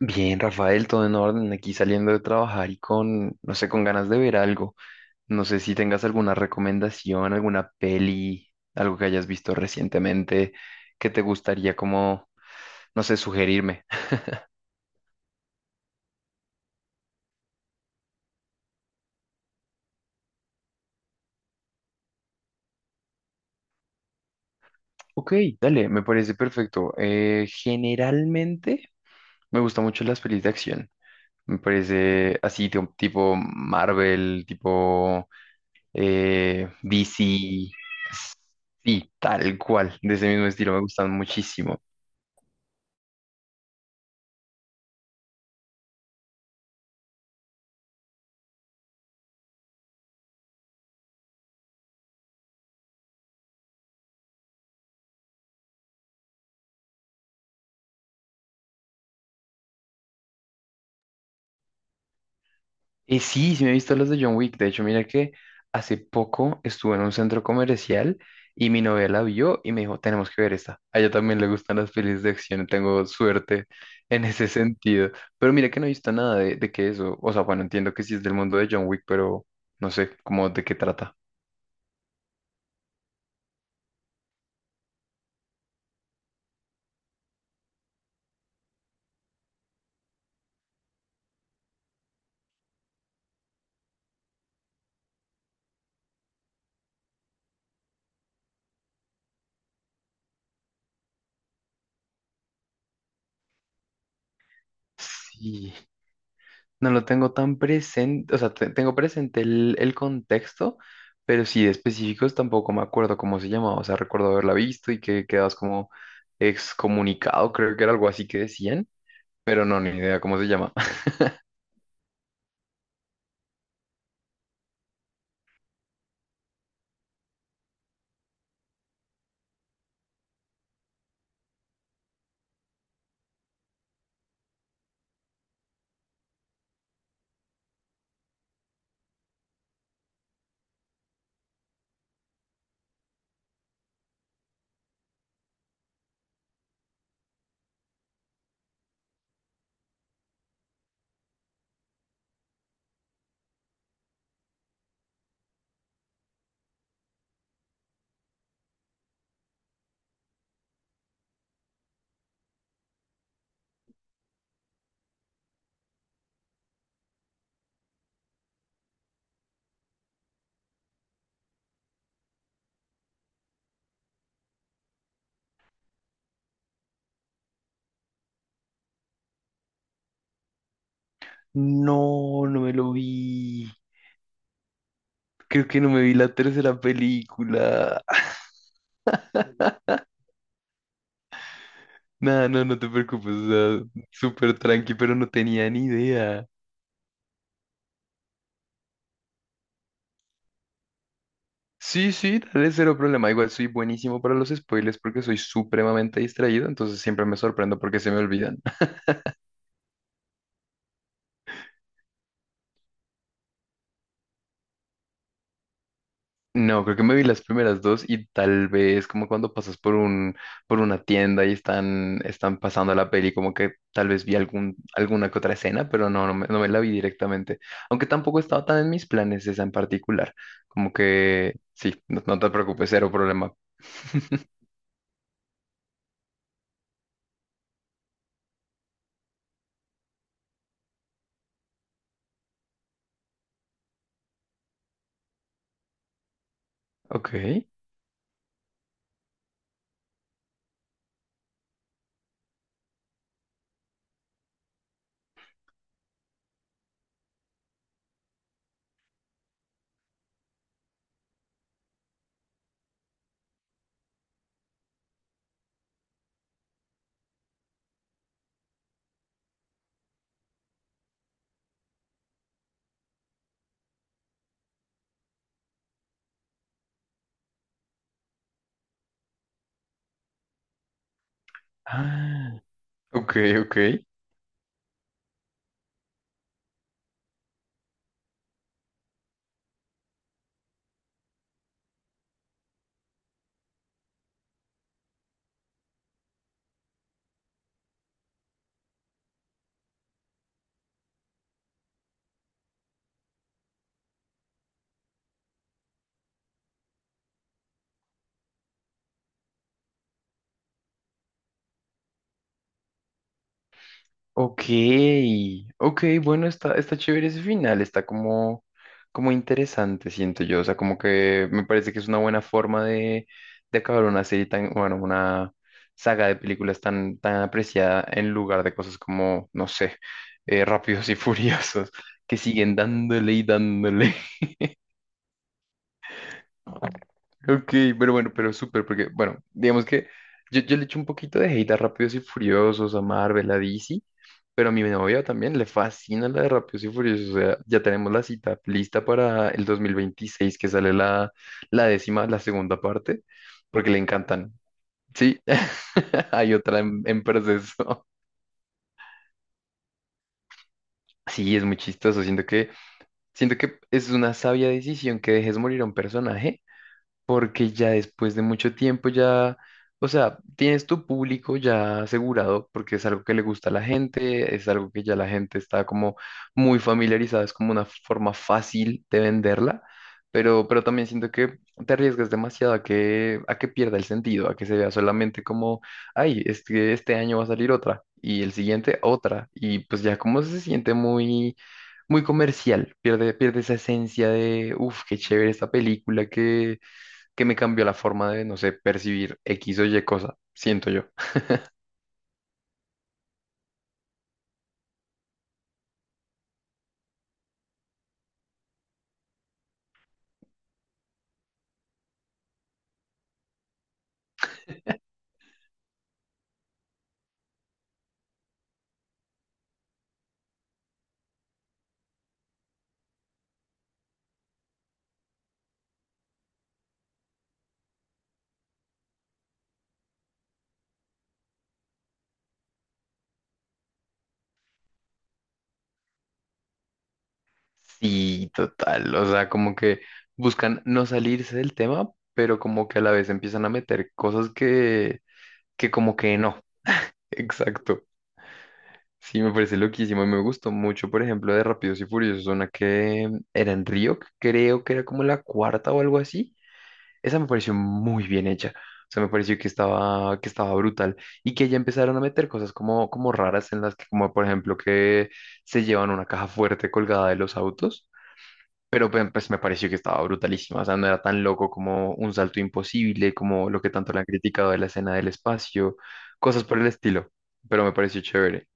Bien, Rafael, todo en orden, aquí saliendo de trabajar y con, no sé, con ganas de ver algo. No sé si tengas alguna recomendación, alguna peli, algo que hayas visto recientemente que te gustaría como, no sé, sugerirme. Ok, dale, me parece perfecto. Generalmente me gustan mucho las pelis de acción. Me parece así, tipo Marvel, tipo DC. Sí, tal cual, de ese mismo estilo me gustan muchísimo. Y sí, sí me he visto los de John Wick. De hecho, mira que hace poco estuve en un centro comercial y mi novia la vio y me dijo, tenemos que ver esta. A ella también le gustan las pelis de acción, tengo suerte en ese sentido. Pero mira que no he visto nada de que eso. O sea, bueno, entiendo que sí es del mundo de John Wick, pero no sé cómo de qué trata. Sí. No lo tengo tan presente, o sea, tengo presente el contexto, pero sí de específicos tampoco me acuerdo cómo se llamaba, o sea, recuerdo haberla visto y que quedabas como excomunicado, creo que era algo así que decían, pero no, ni idea cómo se llama. No, no me lo vi. Creo que no me vi la tercera película. Nada, no, no te preocupes, o sea, súper tranqui, pero no tenía ni idea. Sí, sí, dale cero problema. Igual soy buenísimo para los spoilers porque soy supremamente distraído, entonces siempre me sorprendo porque se me olvidan. No, creo que me vi las primeras dos y tal vez como cuando pasas por por una tienda y están pasando la peli, como que tal vez vi alguna que otra escena, pero no, no me, no me la vi directamente. Aunque tampoco estaba tan en mis planes esa en particular. Como que sí, no, no te preocupes, cero problema. Ok. Ah, ok, ok. Ok, ok, bueno, está, está chévere ese final, está como, como interesante, siento yo, o sea, como que me parece que es una buena forma de acabar una serie tan, bueno, una saga de películas tan, tan apreciada en lugar de cosas como, no sé, Rápidos y Furiosos, que siguen dándole y dándole. Ok, pero bueno, pero súper, porque, bueno, digamos que yo le echo un poquito de hate a Rápidos y Furiosos, a Marvel, a DC, pero a mi novia también le fascina la de Rápidos y Furiosos, o sea, ya tenemos la cita lista para el 2026 que sale la décima, la segunda parte, porque le encantan, ¿sí? Hay otra en proceso. Sí, es muy chistoso, siento que es una sabia decisión que dejes morir a un personaje porque ya después de mucho tiempo ya, o sea, tienes tu público ya asegurado porque es algo que le gusta a la gente, es algo que ya la gente está como muy familiarizada, es como una forma fácil de venderla, pero, también siento que te arriesgas demasiado a que pierda el sentido, a que se vea solamente como, ay, este año va a salir otra. Y el siguiente, otra. Y pues ya como se siente muy, muy comercial, pierde, pierde esa esencia de, uff, qué chévere esta película que me cambió la forma de, no sé, percibir X o Y cosa, siento yo. Sí, total, o sea, como que buscan no salirse del tema, pero como que a la vez empiezan a meter cosas que como que no, exacto. Sí, me parece loquísimo y me gustó mucho, por ejemplo, de Rápidos y Furiosos, una que era en Río, creo que era como la cuarta o algo así. Esa me pareció muy bien hecha. O sea, me pareció que estaba brutal y que ya empezaron a meter cosas como, como raras en las que, como por ejemplo, que se llevan una caja fuerte colgada de los autos, pero pues me pareció que estaba brutalísima. O sea, no era tan loco como un salto imposible, como lo que tanto le han criticado de la escena del espacio, cosas por el estilo, pero me pareció chévere.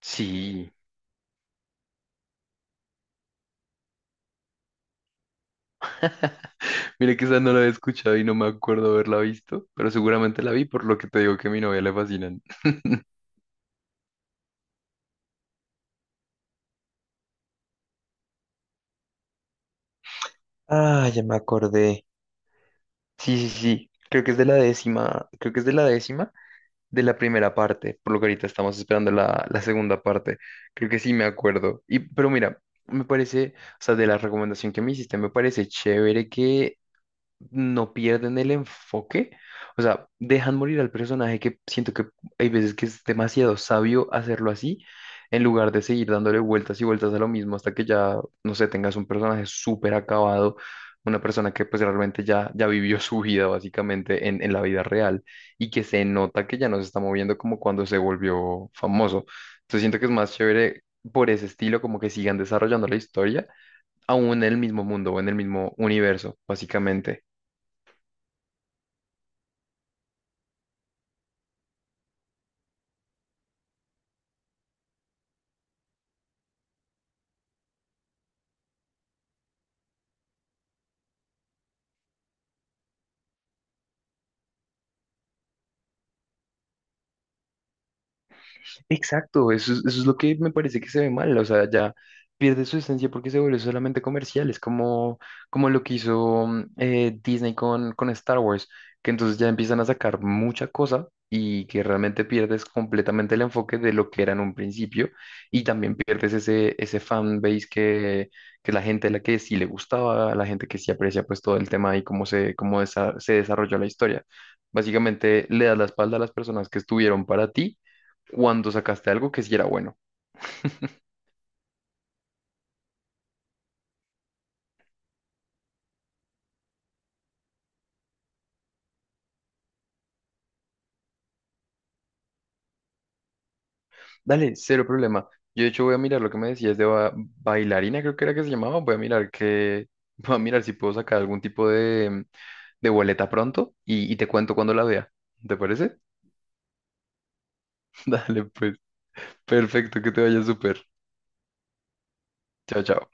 Sí, mira que esa no la he escuchado y no me acuerdo haberla visto, pero seguramente la vi por lo que te digo que a mi novia le fascinan. Ah, ya me acordé. Sí, sí, sí. Creo que es de la décima, creo que es de la décima de la primera parte, por lo que ahorita estamos esperando la segunda parte. Creo que sí me acuerdo. Y, pero mira, me parece, o sea, de la recomendación que me hiciste, me parece chévere que no pierden el enfoque, o sea, dejan morir al personaje que siento que hay veces que es demasiado sabio hacerlo así, en lugar de seguir dándole vueltas y vueltas a lo mismo hasta que ya, no sé, tengas un personaje súper acabado, una persona que pues realmente ya, ya vivió su vida básicamente en la vida real y que se nota que ya no se está moviendo como cuando se volvió famoso. Entonces siento que es más chévere por ese estilo, como que sigan desarrollando la historia, aún en el mismo mundo o en el mismo universo, básicamente. Exacto, eso, eso es lo que me parece que se ve mal, o sea, ya pierde su esencia porque se vuelve solamente comercial, es como, como lo que hizo Disney con Star Wars, que entonces ya empiezan a sacar mucha cosa y que realmente pierdes completamente el enfoque de lo que era en un principio y también pierdes ese fan base que la gente a la que sí le gustaba, la gente que sí aprecia pues todo el tema y cómo se, cómo se desarrolló la historia. Básicamente le das la espalda a las personas que estuvieron para ti cuando sacaste algo que sí era bueno. Dale, cero problema. Yo de hecho voy a mirar lo que me decías de bailarina, creo que era que se llamaba. Voy a mirar que, voy a mirar si puedo sacar algún tipo de boleta pronto y te cuento cuando la vea. ¿Te parece? Dale, pues, perfecto, que te vaya súper. Chao, chao.